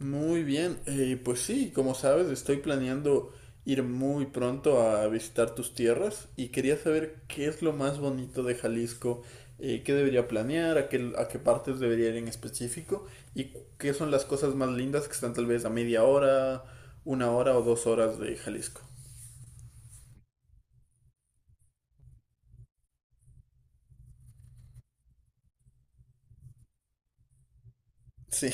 Muy bien, pues sí, como sabes, estoy planeando ir muy pronto a visitar tus tierras y quería saber qué es lo más bonito de Jalisco, qué debería planear, a qué partes debería ir en específico y qué son las cosas más lindas que están tal vez a media hora, 1 hora o 2 horas de Jalisco. Sí,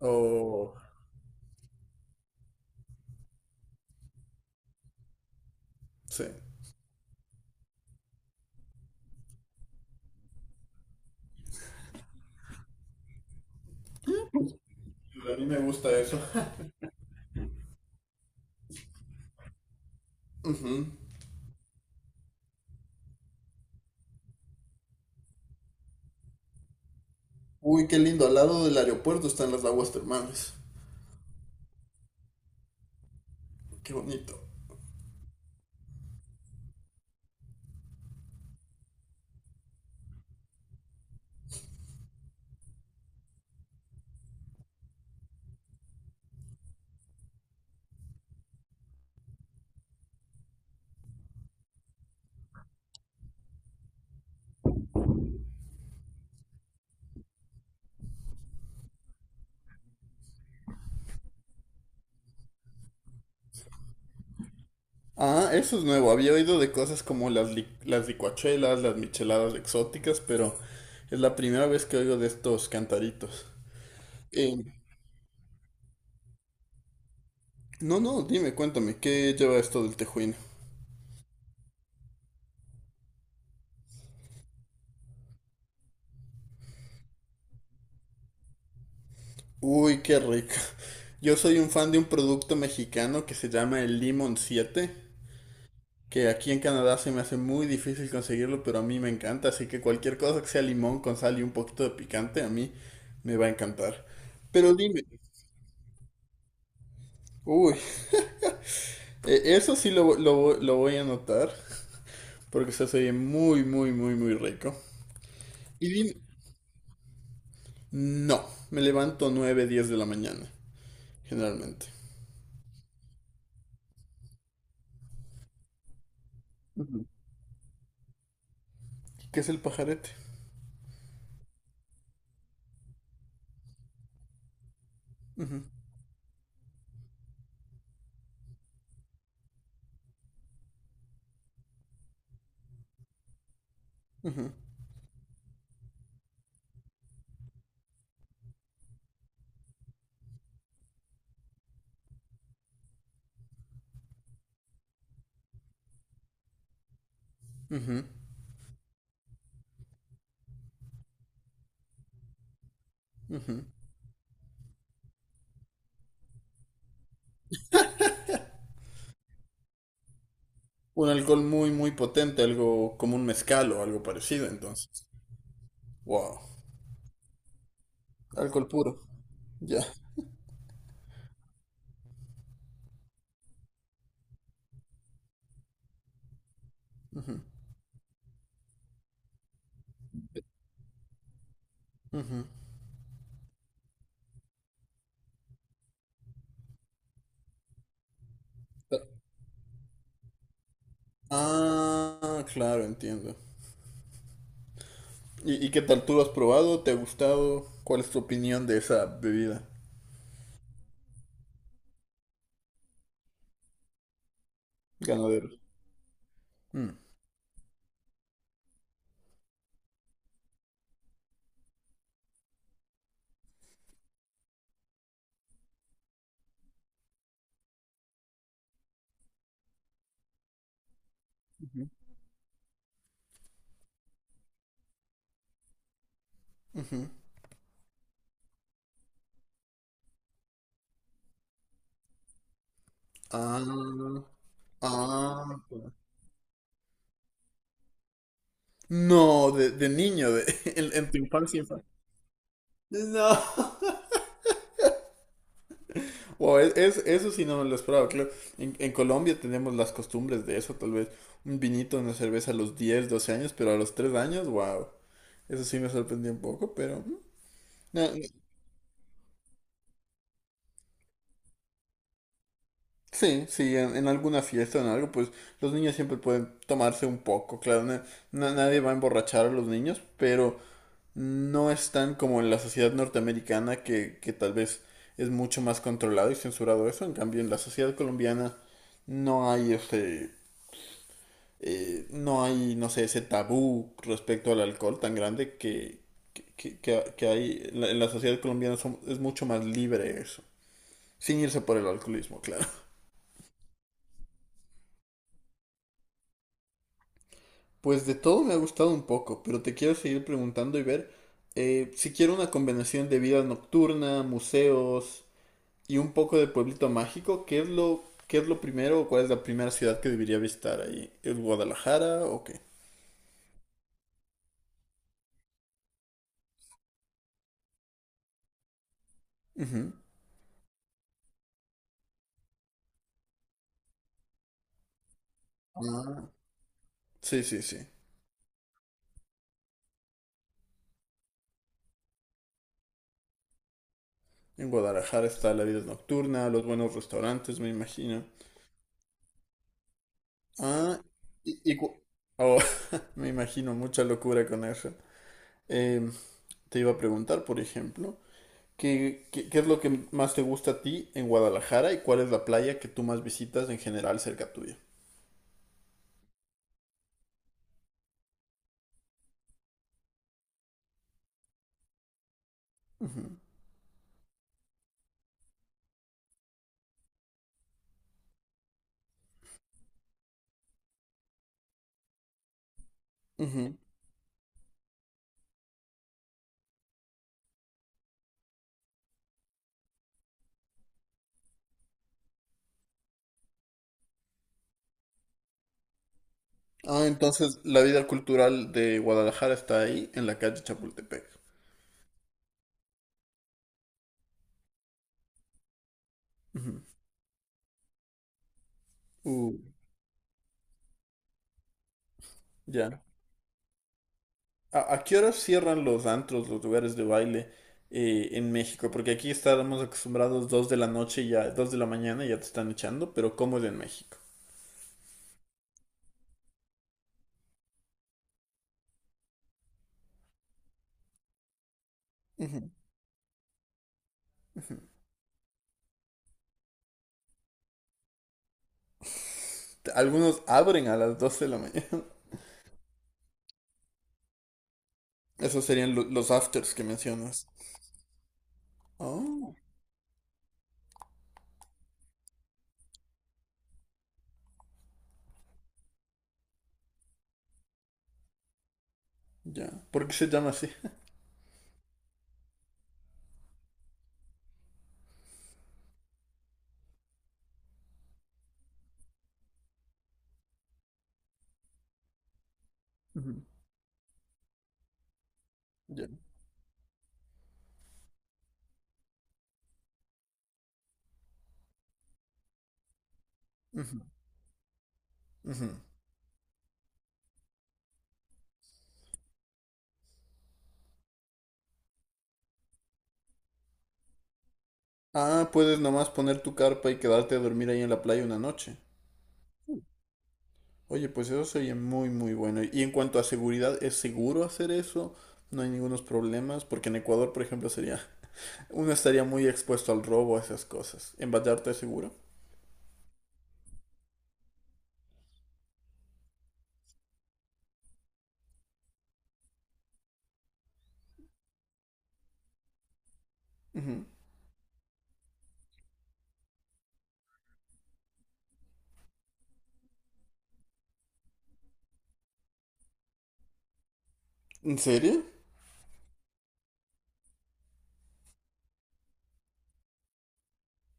o... sí. A mí me gusta eso. Ujú. Uy, qué lindo, al lado del aeropuerto están las aguas termales. Qué bonito. Ah, eso es nuevo. Había oído de cosas como las licuachelas, las micheladas exóticas, pero es la primera vez que oigo de estos cantaritos. Eh, no, no, dime, cuéntame, ¿qué lleva esto del tejuino? Uy, qué rico. Yo soy un fan de un producto mexicano que se llama el Limón siete, que aquí en Canadá se me hace muy difícil conseguirlo, pero a mí me encanta, así que cualquier cosa que sea limón con sal y un poquito de picante, a mí me va a encantar. Pero dime, uy, eso sí lo voy a anotar, porque se hace muy, muy, muy, muy rico. Y dime- no, me levanto 9 10 de la mañana, generalmente. Ujú. ¿Qué es el pajarete? Ujú, ujú, ujú, ujú. Un alcohol muy, muy potente, algo como un mezcal o algo parecido, entonces. Wow, alcohol puro, ya. Ujú, ujú. Ah, claro, entiendo. ¿Y qué tal tú lo has probado? ¿Te ha gustado? ¿Cuál es tu opinión de esa bebida ganadera? Mm. Ujú, ujú. Ah, ah. No, de niño, en tu infancia. No. Wow, eso sí no me lo esperaba, claro. En Colombia tenemos las costumbres de eso, tal vez. Un vinito, una cerveza a los 10, 12 años, pero a los 3 años, wow. Eso sí me sorprendió un poco, pero, no, sí, sí, en alguna fiesta o en algo, pues los niños siempre pueden tomarse un poco, claro. Nadie va a emborrachar a los niños, pero no están como en la sociedad norteamericana que tal vez es mucho más controlado y censurado eso. En cambio, en la sociedad colombiana no hay este, no hay, no sé, ese tabú respecto al alcohol tan grande que hay en la sociedad colombiana es mucho más libre eso. Sin irse por el alcoholismo, claro. Pues de todo me ha gustado un poco, pero te quiero seguir preguntando y ver si quiero una combinación de vida nocturna, museos, y un poco de pueblito mágico. ¿Qué es lo primero o cuál es la primera ciudad que debería visitar ahí? ¿Es Guadalajara o qué? Ujú. Ah, sí, sí, sí. En Guadalajara está la vida nocturna, los buenos restaurantes, me imagino. Ah, y, y cu- oh, me imagino mucha locura con eso. Em, Te iba a preguntar, por ejemplo, ¿qué es lo que más te gusta a ti en Guadalajara y cuál es la playa que tú más visitas en general cerca tuya? Ujú, ujú. Ah, entonces la vida cultural de Guadalajara está ahí, en la calle Chapultepec. Ujú. Uh, ya. ¿A qué hora cierran los antros, los lugares de baile, en México? Porque aquí estábamos acostumbrados 2 de la noche y ya, 2 de la mañana y ya te están echando, pero ¿cómo es en México? Ujú. Algunos abren a las 2 de la mañana. Esos serían los afters que mencionas. Oh, ya. ¿Por qué se llama así? Ujú. Ya. Ujú, ujú. Ah, puedes nomás poner tu carpa y quedarte a dormir ahí en la playa una noche. Oye, pues eso sería muy, muy bueno. Y en cuanto a seguridad, ¿es seguro hacer eso? No hay ningunos problemas, porque en Ecuador, por ejemplo, sería, uno estaría muy expuesto al robo, a esas cosas. ¿En Vallarta es seguro? Ujú. ¿En serio?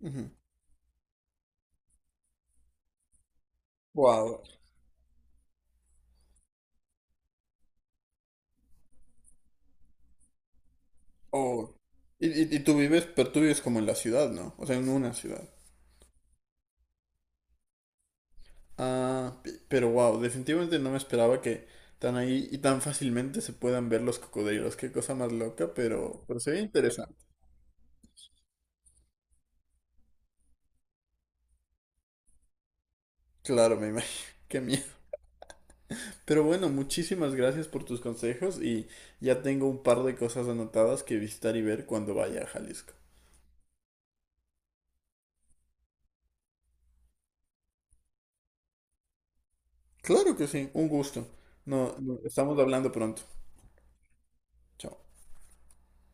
Ujú. Wow. Oh. Y tú vives, pero tú vives como en la ciudad, ¿no? O sea, en una ciudad. Ah, pero wow, definitivamente no me esperaba que tan ahí y tan fácilmente se puedan ver los cocodrilos. Qué cosa más loca, pero se ve interesante. Claro, me imagino. Qué miedo. Pero bueno, muchísimas gracias por tus consejos y ya tengo un par de cosas anotadas que visitar y ver cuando vaya a Jalisco. Claro que sí, un gusto. No, no, estamos hablando pronto. Chao.